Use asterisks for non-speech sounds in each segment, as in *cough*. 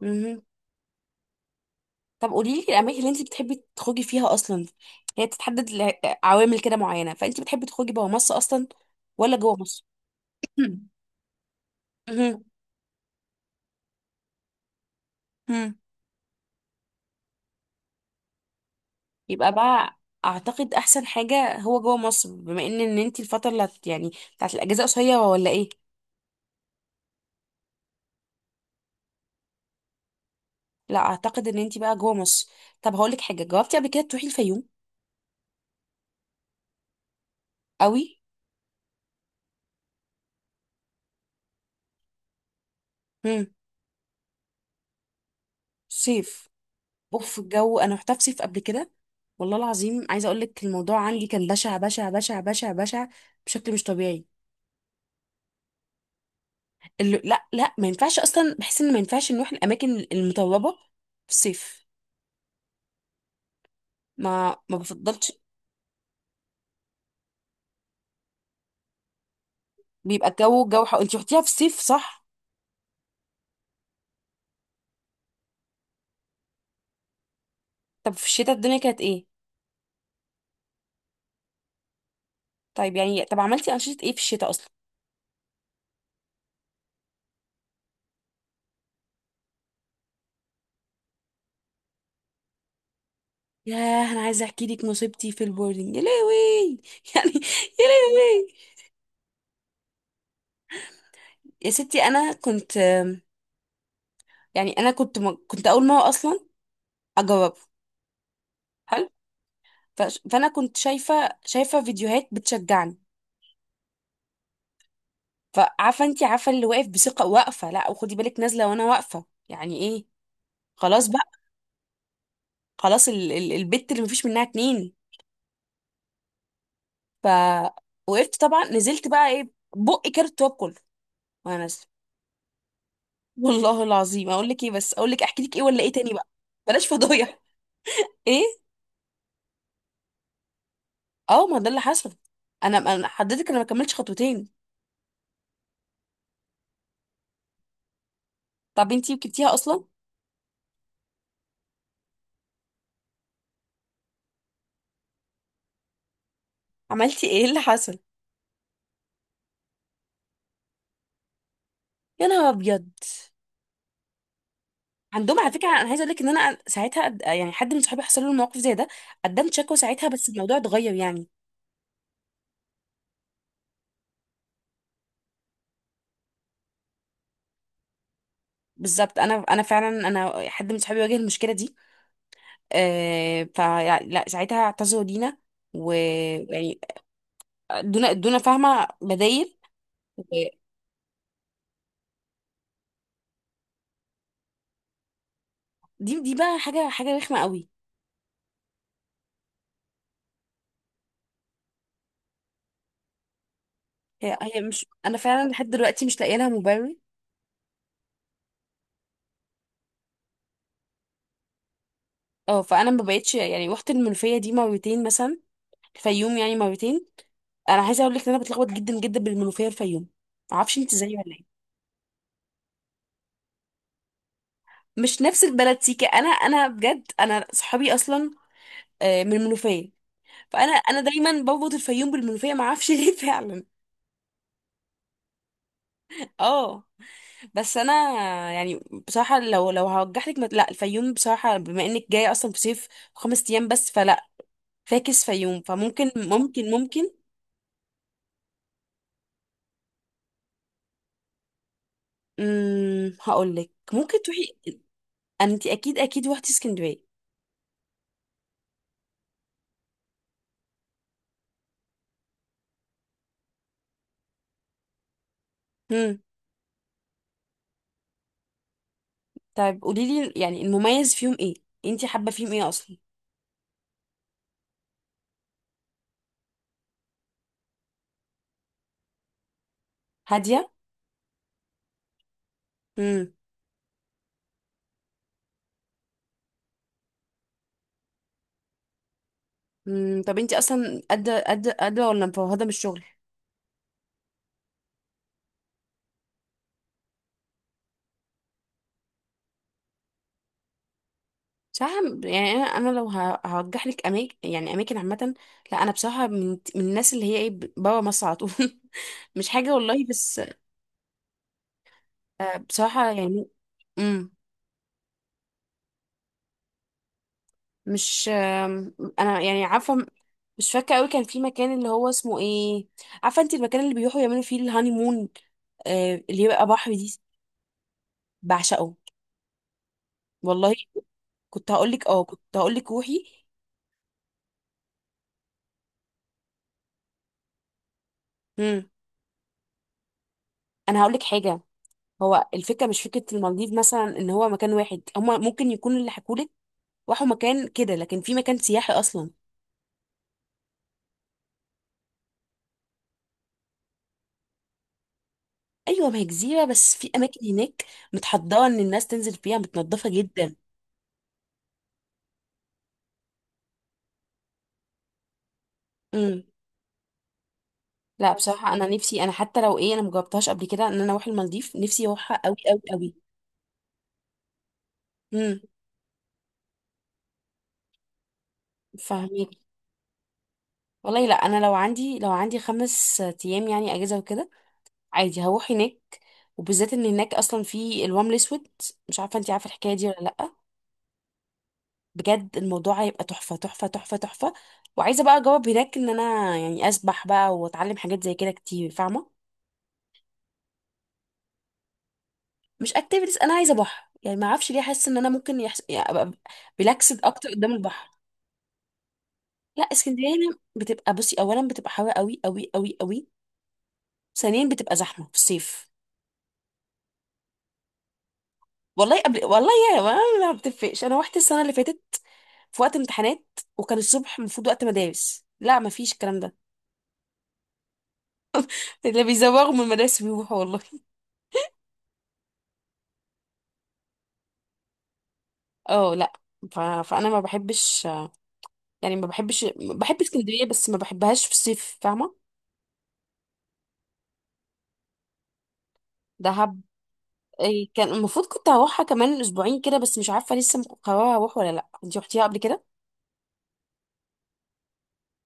مهم. طب قولي لي الاماكن اللي انت بتحبي تخرجي فيها اصلا. هي بتتحدد لعوامل كده معينه، فانت بتحبي تخرجي بره مصر اصلا ولا جوه مصر؟ *clears throat* مهم. مم. يبقى بقى اعتقد احسن حاجه هو جوه مصر، بما ان انت الفتره اللي بتاعت الاجازه قصيره ولا ايه. لا اعتقد ان انت بقى جوه مصر. طب هقول لك حاجه، جاوبتي قبل كده تروحي الفيوم؟ قوي. امم. صيف. بوف الجو، انا رحت افسف قبل كده، والله العظيم عايزه اقول لك الموضوع عندي كان بشع بشع بشع بشع بشع بشكل مش طبيعي. اللي لا لا ما ينفعش اصلا، بحس ان ما ينفعش نروح الاماكن المطربه في الصيف. ما بفضلش. بيبقى الجو جو حق. انت رحتيها في الصيف صح؟ طب في الشتاء الدنيا كانت ايه؟ طيب يعني طب عملتي انشطه ايه في الشتاء اصلا؟ ياه، انا عايزه احكي لك مصيبتي في البوردنج يا لهوي *laughs* يعني. يا لهوي. يا ستي انا كنت، يعني انا كنت كنت اول مره اصلا اجرب. فانا كنت شايفه فيديوهات بتشجعني. فعارفه انت، عارفه اللي واقف بثقه، واقفه لا وخدي بالك، نازله وانا واقفه يعني ايه. خلاص بقى. خلاص ال البت اللي مفيش منها اتنين. فوقفت طبعا، نزلت بقى ايه. بقي كارت التواب كله وانا نازله. *laughs* والله العظيم، اقول لك ايه بس، اقول لك احكي لك ايه ولا ايه تاني بقى؟ بلاش فضايح. *laughs* ايه. اه ما ده اللي حصل. انا حضرتك انا ما كملتش خطوتين. طب انتي وكبتيها اصلا؟ عملتي ايه اللي حصل؟ يا نهار ابيض. عندهم على فكره، انا عايزه اقول لك ان انا ساعتها حد من صحابي حصل له الموقف زي ده، قدمت شكوى ساعتها، بس الموضوع اتغير يعني. بالظبط، انا فعلا انا حد من صحابي واجه المشكله دي. آه ف لا ساعتها اعتذروا لينا ويعني ادونا فاهمه بدايل. دي بقى حاجه رخمه قوي. هي مش، انا فعلا لحد دلوقتي مش لاقيه لها مبرر. اه، فانا ما بقتش يعني، رحت المنوفيه دي مرتين مثلا، الفيوم يعني مرتين. انا عايزه اقول لك ان انا بتلخبط جدا جدا بالمنوفيه والفيوم، معرفش انت زيي ولا ايه. مش نفس البلد سيكا. انا بجد، انا صحابي اصلا آه، من المنوفيه. فانا دايما بربط الفيوم بالمنوفيه، ما اعرفش ليه *laughs* فعلا. اه. بس انا يعني بصراحه، لو لا الفيوم بصراحه، بما انك جايه اصلا في صيف، 5 ايام بس، فلا. فاكس فيوم، فممكن ممكن ممكن. امم. هقول لك ممكن تروحي. انت اكيد اكيد روحتي اسكندريه. امم. طيب قولي لي يعني المميز فيهم ايه؟ انت حابه فيهم ايه اصلا؟ هاديه. مم، طب انتي اصلا قادره قادره قادره ولا مفوهده من الشغل؟ صح. يعني انا لو هرجح لك اماكن يعني اماكن عامه. لا انا بصراحه من الناس اللي هي ايه، بره مصر على طول. *laughs* مش حاجه والله بس. آه، بصراحه يعني. امم. مش آم، انا يعني عارفه مش فاكره قوي، كان في مكان اللي هو اسمه ايه. عارفه انت المكان اللي بيروحوا يعملوا فيه الهاني مون، آه، اللي يبقى بحر دي. بعشقه. والله كنت هقول لك اه، كنت هقول لك روحي. امم. انا هقول لك حاجه، هو الفكره مش فكره المالديف مثلا ان هو مكان واحد، هما ممكن يكون اللي حكولك راحوا مكان كده، لكن في مكان سياحي اصلا. ايوه، ما هي جزيره، بس في اماكن هناك متحضره ان الناس تنزل فيها، متنضفه جدا. امم. لا بصراحه انا نفسي، انا حتى لو ايه انا مجربتهاش قبل كده، ان انا اروح المالديف نفسي اروحها قوي قوي قوي. امم. فاهمك. والله لا، انا لو عندي 5 ايام يعني اجازه وكده، عادي هروح هناك، وبالذات ان هناك اصلا في الوام الاسود، مش عارفه انت عارفه الحكايه دي ولا لا. بجد الموضوع هيبقى تحفة تحفة تحفة تحفة. وعايزة بقى اجاوب هناك ان انا يعني اسبح بقى واتعلم حاجات زي كده كتير، فاهمة. مش اكتيفيتيز، انا عايزة بحر يعني، ما اعرفش ليه حاسة ان انا ممكن يعني ابقى ريلاكسد اكتر قدام البحر. لا اسكندرية هنا بتبقى، بصي، اولا بتبقى حلوة قوي قوي قوي قوي. ثانيا بتبقى زحمة في الصيف. والله قبل، والله يا ما، ما بتفقش. انا رحت السنة اللي فاتت في وقت امتحانات، وكان الصبح المفروض وقت مدارس، لا ما فيش الكلام ده. *laughs* اللي بيزوغوا من المدارس بيروحوا والله. اه. لا فانا ما بحبش يعني، ما بحبش، بحب اسكندريه بس ما بحبهاش في الصيف، فاهمه. دهب. إيه، كان المفروض كنت هروحها كمان 2 اسبوع كده، بس مش عارفه لسه مقرره اروح ولا لا. انتي رحتيها قبل كده؟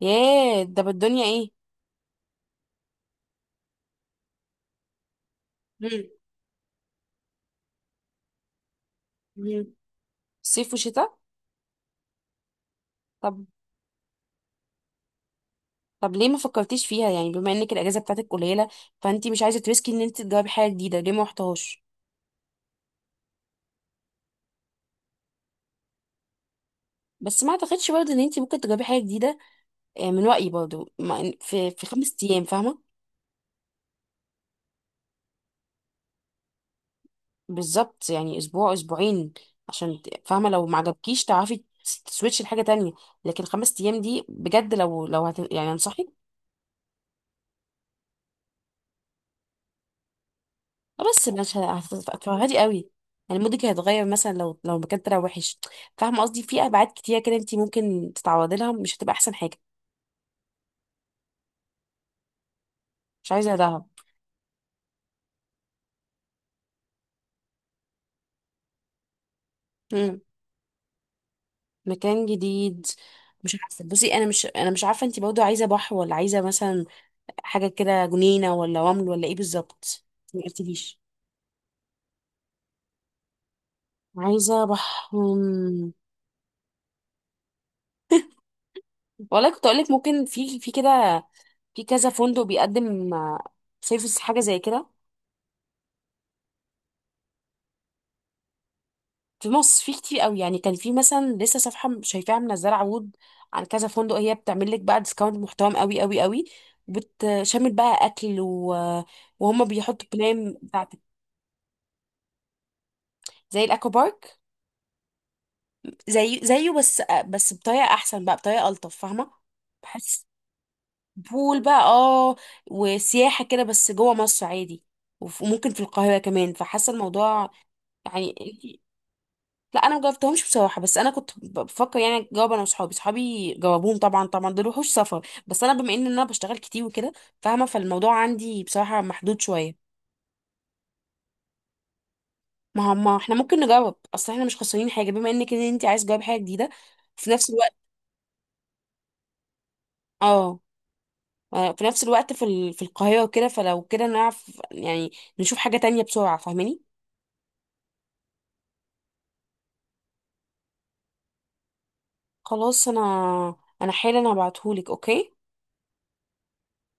ياه، ده بالدنيا ايه. مم. مم. صيف وشتاء. طب. طب ليه ما فكرتيش فيها يعني، بما انك الاجازه بتاعتك قليله، فانتي مش عايزه تريسكي ان انت تجربي حاجه جديده، ليه ما رحتهاش. بس ما اعتقدش برضه ان انت ممكن تجربي حاجه جديده آه، من رايي برضه في في 5 ايام، فاهمه. بالظبط، يعني 1 اسبوع 2 اسبوع، عشان فاهمه لو ما عجبكيش تعرفي تسويتش لحاجه تانية. لكن 5 ايام دي بجد، لو لو يعني انصحك. بس مش هتفرهدي قوي. يعني مودك هيتغير مثلا، لو المكان طلع وحش، فاهمه قصدي. في ابعاد كتير كده انت ممكن تتعرضي لها، مش هتبقى احسن حاجه. مش عايزه ده. مم. مكان جديد. مش عارفه، بصي انا مش، انا مش عارفه انت برضه عايزه بحر ولا عايزه مثلا حاجه كده جنينه ولا رمل ولا ايه بالظبط. ما قلتليش. عايزة بح. مم. والله كنت أقولك ممكن في في كده، في كذا فندق بيقدم سيرفيس حاجة زي كده. في مصر في كتير قوي، يعني كان في مثلا لسه صفحة شايفاها منزلة عروض عن كذا فندق، هي بتعمل لك بقى ديسكاونت محترم قوي قوي قوي، بتشمل بقى أكل و... وهم بيحطوا بلان بتاعتك. زي الأكوا بارك، زي زيه بس، بس بطريقة أحسن بقى، بطريقة ألطف، فاهمة. بحس بول بقى اه، وسياحة كده بس جوه مصر عادي. وممكن في القاهرة كمان، فحاسة الموضوع يعني. لا انا مجربتهمش بصراحة، بس انا كنت بفكر يعني اجرب انا وصحابي، صحابي جربوهم طبعا طبعا، دول وحوش سفر، بس انا بما ان انا بشتغل كتير وكده، فاهمة، فالموضوع عندي بصراحة محدود شوية. ما هم احنا ممكن نجرب، اصل احنا مش خسرانين حاجة، بما انك ان انت عايز تجرب حاجة جديدة في نفس الوقت. اه. آه، في نفس الوقت في في القاهرة وكده، فلو كده نعرف يعني نشوف حاجة تانية بسرعة، فاهماني. خلاص، انا انا حالا هبعتهولك. اوكي.